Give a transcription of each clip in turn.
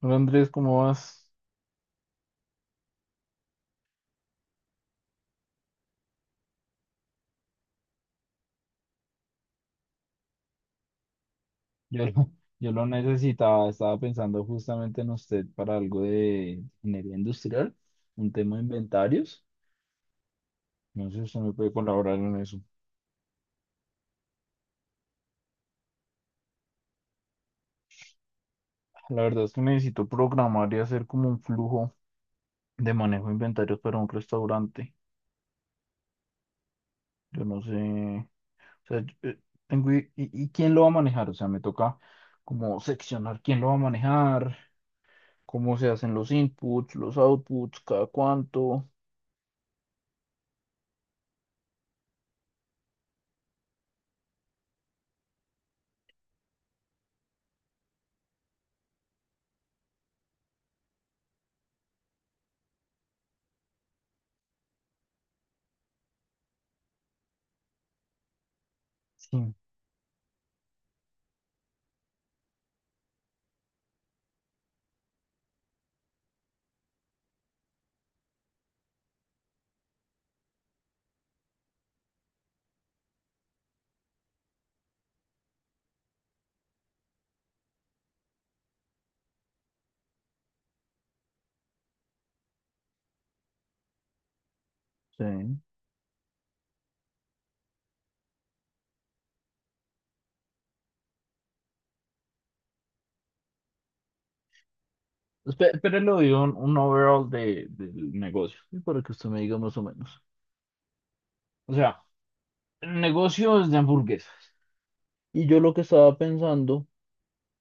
Hola Andrés, ¿cómo vas? Yo, lo- Yo lo necesitaba, estaba pensando justamente en usted para algo de ingeniería industrial, un tema de inventarios. No sé si usted me puede colaborar en eso. La verdad es que necesito programar y hacer como un flujo de manejo de inventarios para un restaurante. Yo no sé, o sea, yo, y quién lo va a manejar, o sea, me toca como seccionar quién lo va a manejar, cómo se hacen los inputs, los outputs, cada cuánto. Sí, sí. Pero le doy un overall del negocio, ¿sí? Para que usted me diga más o menos. O sea, el negocio es de hamburguesas. Y yo lo que estaba pensando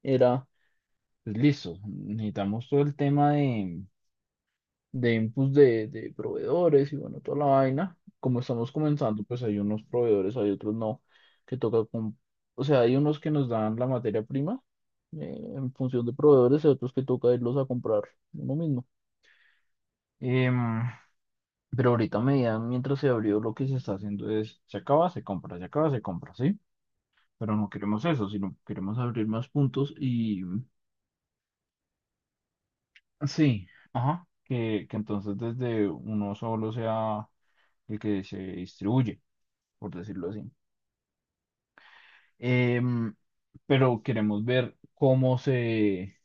era, pues listo, necesitamos todo el tema de inputs de proveedores y bueno, toda la vaina. Como estamos comenzando, pues hay unos proveedores, hay otros no, que toca con... O sea, hay unos que nos dan la materia prima en función de proveedores y otros que toca irlos a comprar uno mismo. Pero ahorita me medida, mientras se abrió, lo que se está haciendo es: se acaba, se compra, se acaba, se compra, ¿sí? Pero no queremos eso, sino queremos abrir más puntos y... Sí, ajá, que entonces desde uno solo sea el que se distribuye, por decirlo así. Em, pero queremos ver cómo se,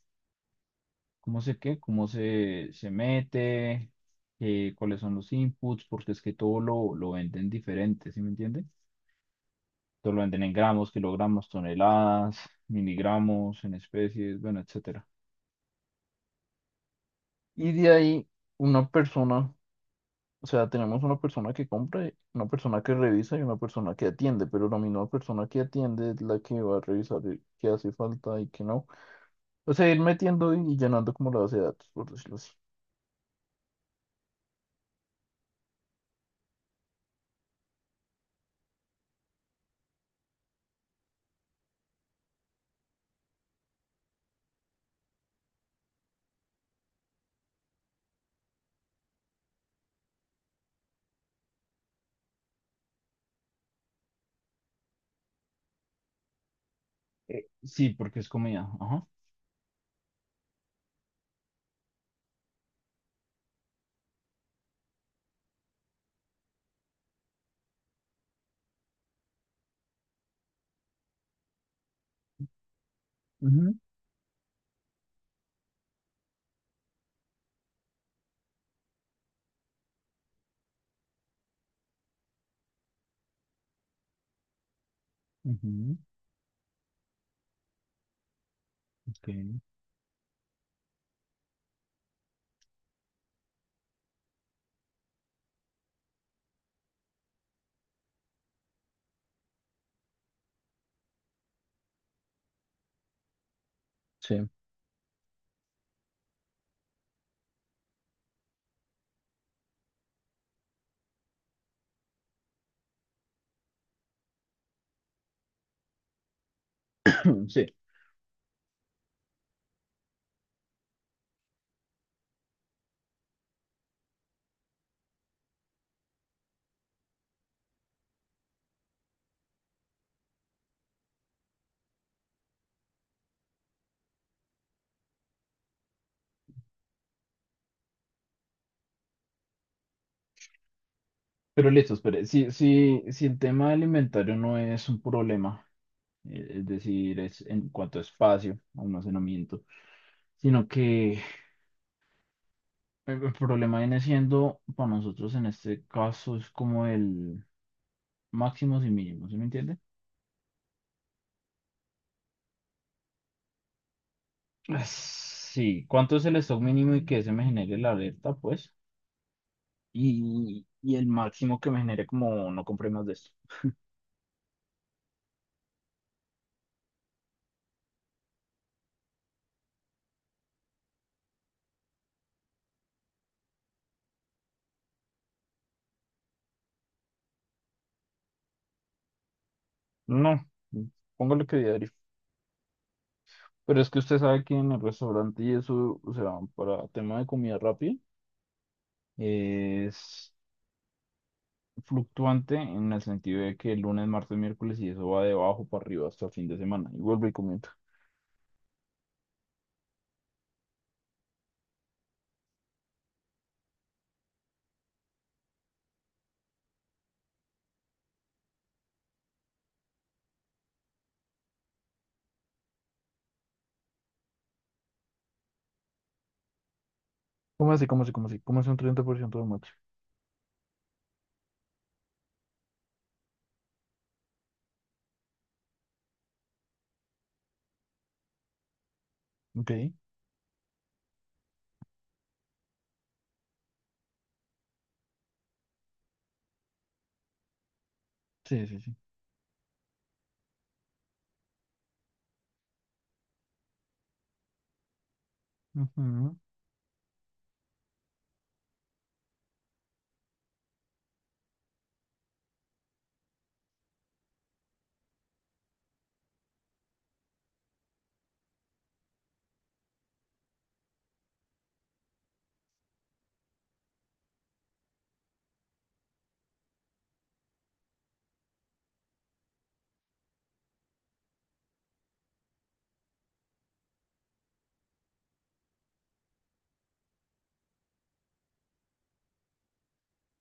cómo se mete, cuáles son los inputs, porque es que todo lo venden diferente, ¿sí me entiende? Todo lo venden en gramos, kilogramos, toneladas, miligramos, en especies, bueno, etcétera. Y de ahí una persona, o sea, tenemos una persona que compra, una persona que revisa y una persona que atiende, pero la misma persona que atiende es la que va a revisar qué hace falta y qué no. O sea, ir metiendo y llenando como la base de datos, por decirlo así. Sí, porque es comida. Ajá. Ujú, ujú, ok. Sí. Sí. Pero listo, espere. Si el tema alimentario no es un problema, es decir, es en cuanto a espacio, almacenamiento, sino que el problema viene siendo para nosotros en este caso es como el máximos y mínimos, ¿sí me entiende? Ah, sí, ¿cuánto es el stock mínimo y que se me genere la alerta, pues? Y el máximo que me genere como no compré más de esto. No, póngale que diario. Pero es que usted sabe que en el restaurante y eso, o sea, para tema de comida rápida, es fluctuante en el sentido de que el lunes, martes, miércoles y eso va de abajo para arriba hasta el fin de semana. Y vuelvo y comenta. ¿Cómo así? ¿Cómo así? ¿Cómo así? ¿Cómo así un 30% de mate? Ok. Sí, sí, sí. Ujú.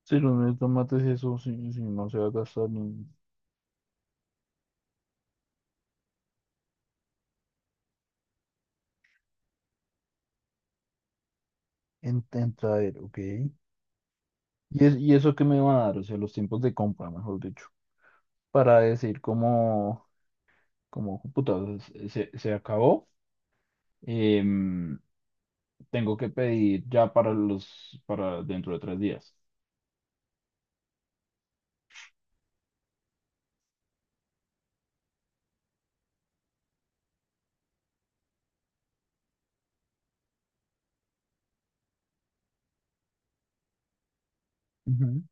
Sí, los mismos tomates y eso sí, sí, no se va a gastar ni en traer, ok. ¿Y, y eso que me van a dar? O sea, los tiempos de compra, mejor dicho. Para decir como, como, puta, se acabó. em, Tengo que pedir ya para los, para dentro de 3 días. Ujú.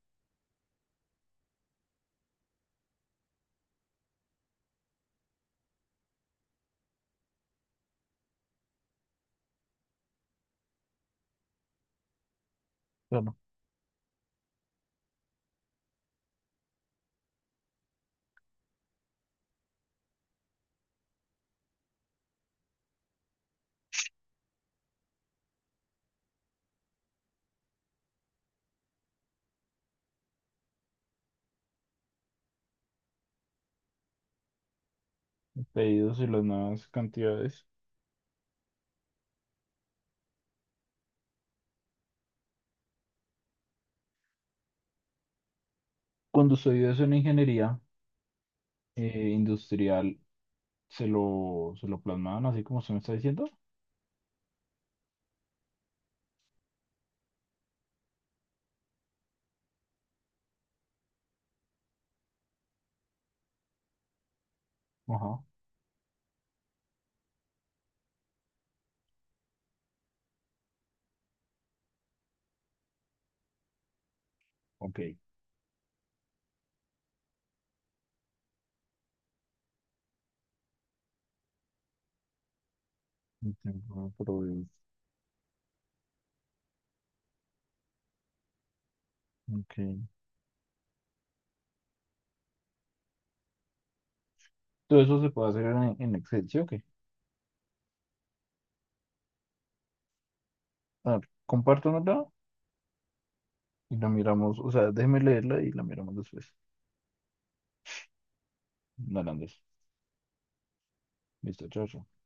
Pedidos y las nuevas cantidades. Cuando estudié eso en ingeniería industrial, se lo plasmaban así como se me está diciendo. Ajá, ok. Entiendo, pero ok. Todo eso se puede hacer en Excel, ¿sí o qué? A ver, compártamela y la miramos, o sea, déjeme leerla y la miramos después. Hernández. Listo, chao, chao.